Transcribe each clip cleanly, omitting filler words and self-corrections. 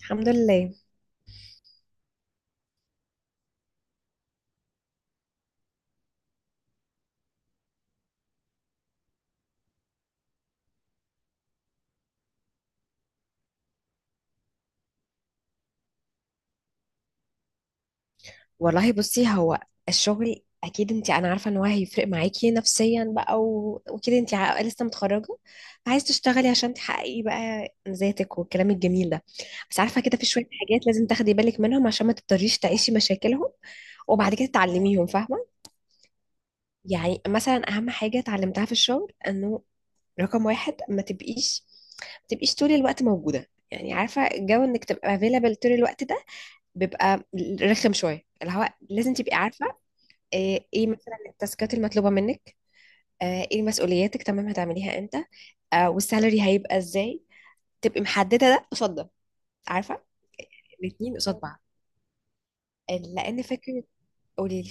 الحمد لله. والله بصي، هو الشغل اكيد انا عارفه ان هو هيفرق معاكي نفسيا بقى وكده. انت لسه متخرجه، عايز تشتغلي عشان تحققي بقى ذاتك والكلام الجميل ده. بس عارفه كده، في شويه حاجات لازم تاخدي بالك منهم عشان ما تضطريش تعيشي مشاكلهم وبعد كده تعلميهم، فاهمه؟ يعني مثلا اهم حاجه اتعلمتها في الشغل انه رقم واحد ما تبقيش طول الوقت موجوده. يعني عارفه جو انك تبقى available طول الوقت ده بيبقى رخم شويه، اللي هو لازم تبقي عارفه ايه مثلا التاسكات المطلوبه منك، ايه مسؤولياتك، تمام هتعمليها امتى، والسالري هيبقى ازاي. تبقي محدده ده قصاد ده، عارفه؟ الاثنين قصاد بعض. لان فكره، قولي لي،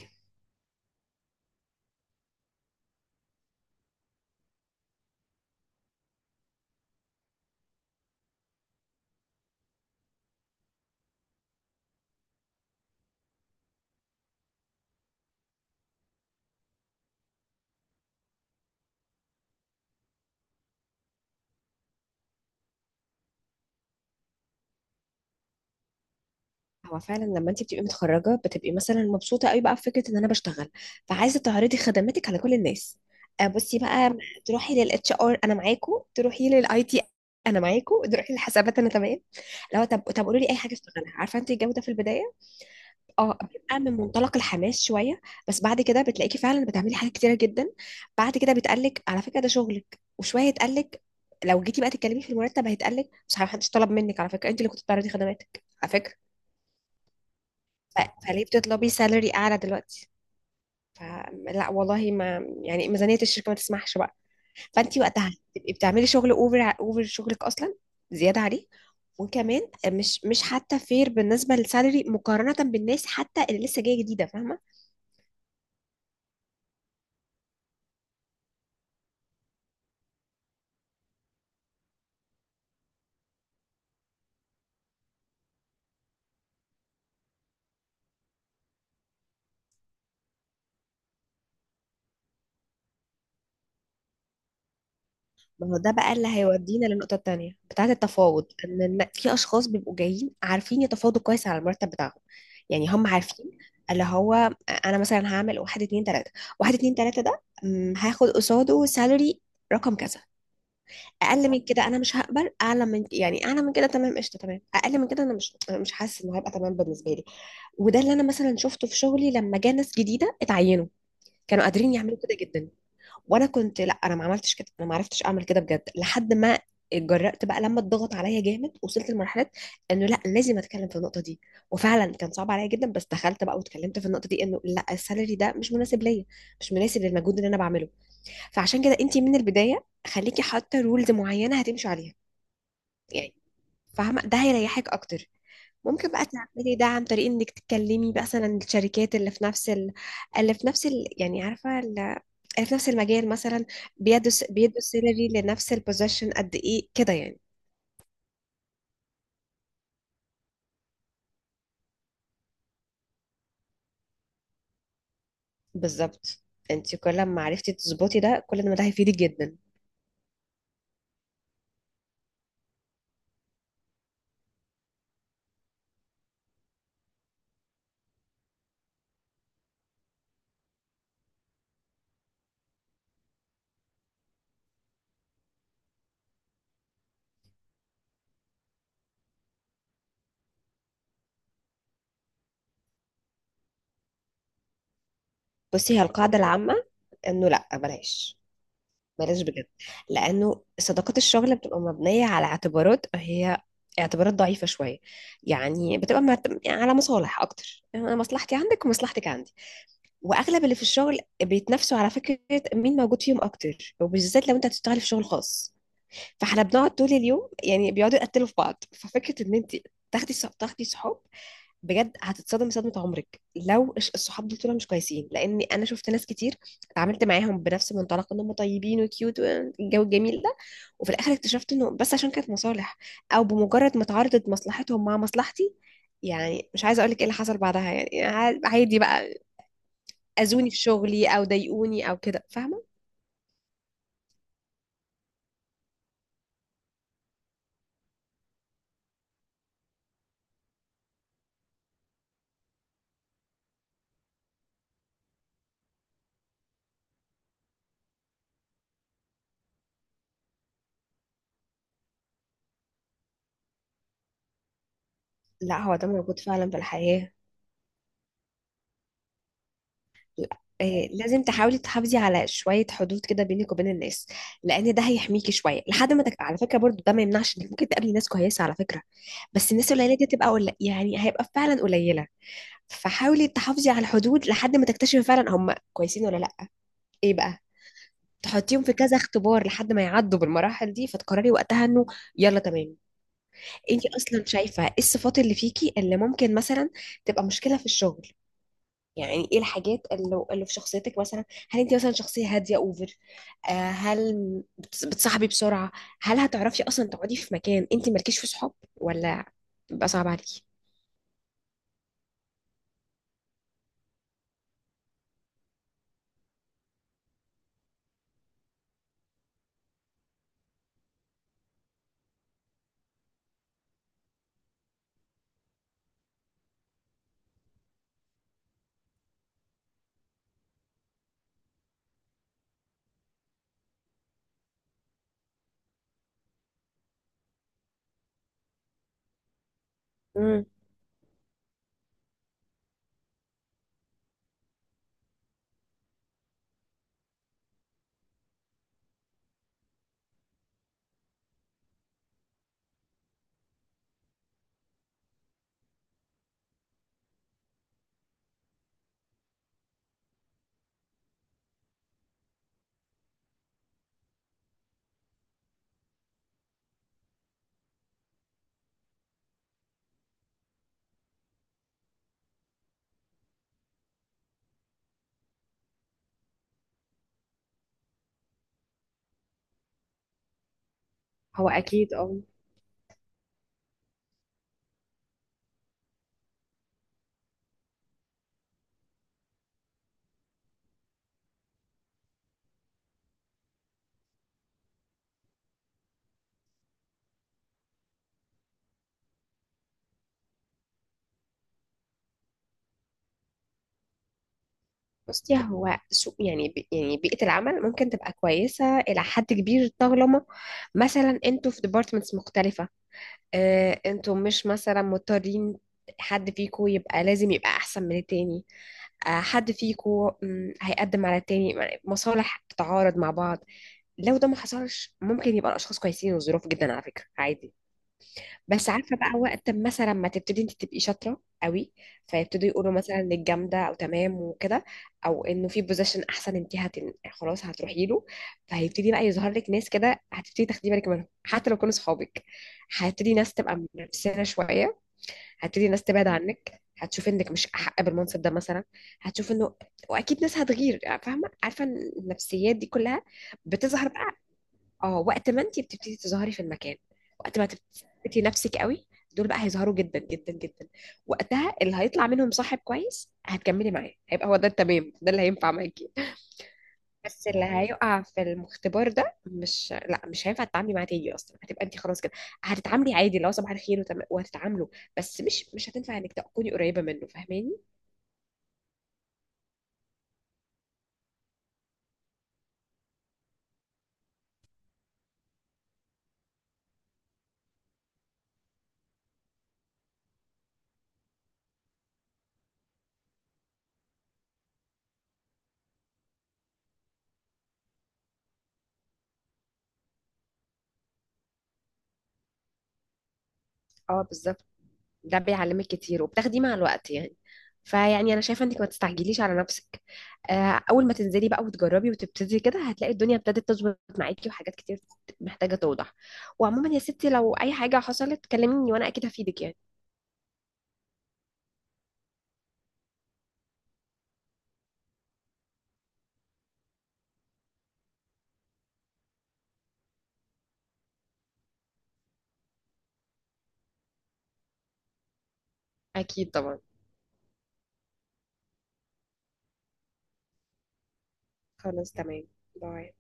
هو فعلا لما انت بتبقي متخرجه بتبقي مثلا مبسوطه قوي بقى بفكره ان انا بشتغل، فعايزه تعرضي خدماتك على كل الناس. بصي بقى، تروحي للاتش ار انا معاكو، تروحي للاي تي انا معاكو، تروحي للحسابات انا تمام. لو طب قولوا لي اي حاجه اشتغلها، عارفه انت الجو ده في البدايه اه بيبقى من منطلق الحماس شويه. بس بعد كده بتلاقيكي فعلا بتعملي حاجات كتيره جدا. بعد كده بيتقالك على فكره ده شغلك، وشويه يتقالك لو جيتي بقى تتكلمي في المرتب هيتقالك مش محدش طلب منك على فكره، انت اللي كنت بتعرضي خدماتك على فكره، فليه بتطلبي سالري اعلى دلوقتي؟ فلا والله، ما يعني ميزانيه الشركه ما تسمحش بقى. فانت وقتها تبقي بتعملي شغل اوفر اوفر شغلك اصلا، زياده عليه، وكمان مش حتى فير بالنسبه للسالري مقارنه بالناس حتى اللي لسه جايه جديده، فاهمه؟ ما هو ده بقى اللي هيودينا للنقطة التانية بتاعة التفاوض. ان في اشخاص بيبقوا جايين عارفين يتفاوضوا كويس على المرتب بتاعهم. يعني هم عارفين اللي هو انا مثلا هعمل واحد اتنين تلاتة، واحد اتنين تلاتة ده هاخد قصاده سالري رقم كذا. اقل من كده انا مش هقبل، اعلى من، يعني اعلى من كده تمام قشطه تمام، اقل من كده انا مش حاسس انه هيبقى تمام بالنسبه لي. وده اللي انا مثلا شفته في شغلي لما جه ناس جديده اتعينوا، كانوا قادرين يعملوا كده جدا. وانا كنت لا، انا ما عملتش كده، انا ما عرفتش اعمل كده بجد لحد ما اتجرأت بقى لما اتضغط عليا جامد، وصلت لمرحله انه لا، لازم اتكلم في النقطه دي. وفعلا كان صعب عليا جدا، بس دخلت بقى واتكلمت في النقطه دي انه لا، السالري ده مش مناسب ليا، مش مناسب للمجهود اللي انا بعمله. فعشان كده انت من البدايه خليكي حاطه رولز معينه هتمشي عليها يعني، فاهمه؟ ده هيريحك اكتر. ممكن بقى تعملي ده عن طريق انك تتكلمي بقى مثلا الشركات اللي في نفس اللي في نفس يعني عارفه اللي في نفس المجال مثلا، بيدوا بيدوا سيلري لنفس البوزيشن قد ايه كده يعني. بالظبط. انت كل ما عرفتي تظبطي ده، كل ما ده هيفيدك جدا. بصي، هي القاعده العامه انه لا، بلاش، بلاش بجد. لانه صداقات الشغل بتبقى مبنيه على اعتبارات، هي اعتبارات ضعيفه شويه. يعني بتبقى على مصالح اكتر، يعني انا مصلحتي عندك ومصلحتك عندي. واغلب اللي في الشغل بيتنافسوا على فكره مين موجود فيهم اكتر، وبالذات لو انت هتشتغلي في شغل خاص، فاحنا بنقعد طول اليوم، يعني بيقعدوا يقتلوا في بعض. ففكره ان انت تاخدي صحاب، بجد هتتصدمي صدمه عمرك لو الصحاب دول طول مش كويسين. لان انا شفت ناس كتير اتعاملت معاهم بنفس منطلق ان هم طيبين وكيوت والجو الجميل ده، وفي الاخر اكتشفت انه بس عشان كانت مصالح، او بمجرد ما تعارضت مصلحتهم مع مصلحتي، يعني مش عايزه اقول لك ايه اللي حصل بعدها، يعني عادي بقى، اذوني في شغلي او ضايقوني او كده، فاهمه؟ لا هو ده موجود فعلا في الحياة. لا، إيه، لازم تحاولي تحافظي على شويه حدود كده بينك وبين الناس، لان ده هيحميكي شويه لحد ما على فكره برضو ده ما يمنعش انك ممكن تقابلي ناس كويسه على فكره، بس الناس القليله دي تبقى يعني هيبقى فعلا قليله. فحاولي تحافظي على الحدود لحد ما تكتشفي فعلا هم كويسين ولا لا. ايه بقى، تحطيهم في كذا اختبار لحد ما يعدوا بالمراحل دي، فتقرري وقتها انه يلا تمام. انت اصلا شايفه ايه الصفات اللي فيكي اللي ممكن مثلا تبقى مشكله في الشغل؟ يعني ايه الحاجات اللي، اللي في شخصيتك مثلا؟ هل انت مثلا شخصيه هاديه اوفر؟ آه، هل بتصاحبي بسرعه؟ هل هتعرفي اصلا تقعدي في مكان انت مالكيش في صحاب، ولا بيبقى صعب عليكي؟ امم، هو اكيد اه. بصي، هو سوق يعني يعني بيئه العمل ممكن تبقى كويسه الى حد كبير طالما مثلا انتوا في ديبارتمنتس مختلفه. انتوا مش مثلا مضطرين حد فيكو يبقى لازم يبقى احسن من التاني، حد فيكو هيقدم على التاني، مصالح بتتعارض مع بعض. لو ده ما حصلش ممكن يبقى الاشخاص كويسين وظروف جدا على فكرة، عادي. بس عارفه بقى، وقت ما مثلا ما تبتدي انت تبقي شاطره قوي، فيبتدوا يقولوا مثلا انك جامده او تمام وكده، او انه في بوزيشن احسن انت خلاص هتروحي له، فهيبتدي بقى يظهر لك ناس كده هتبتدي تاخدي بالك منهم حتى لو كانوا صحابك. هتبتدي ناس تبقى منافسانه شويه، هتبتدي ناس تبعد عنك، هتشوف انك مش احق بالمنصب ده مثلا، هتشوف انه، واكيد ناس هتغير، فاهمه؟ عارفه إن النفسيات دي كلها بتظهر اه وقت ما انت بتبتدي تظهري في المكان، وقت ما تثبتي نفسك قوي. دول بقى هيظهروا جدا جدا جدا. وقتها اللي هيطلع منهم صاحب كويس هتكملي معاه، هيبقى هو ده التمام، ده اللي هينفع معاكي. بس اللي هيقع في المختبر ده مش، لا مش هينفع تتعاملي معاه تاني اصلا. هتبقى انت خلاص كده هتتعاملي عادي، لو صباح الخير وهتتعاملوا، بس مش هتنفع انك تكوني قريبه منه، فاهماني؟ اه بالظبط. ده بيعلمك كتير، وبتاخديه مع الوقت يعني. فيعني انا شايفه انك ما تستعجليش على نفسك. اول ما تنزلي بقى وتجربي وتبتدي كده، هتلاقي الدنيا ابتدت تظبط معاكي، وحاجات كتير محتاجه توضح. وعموما يا ستي، لو اي حاجه حصلت كلميني، وانا اكيد هفيدك يعني. اكيد طبعا. خلاص تمام. باي.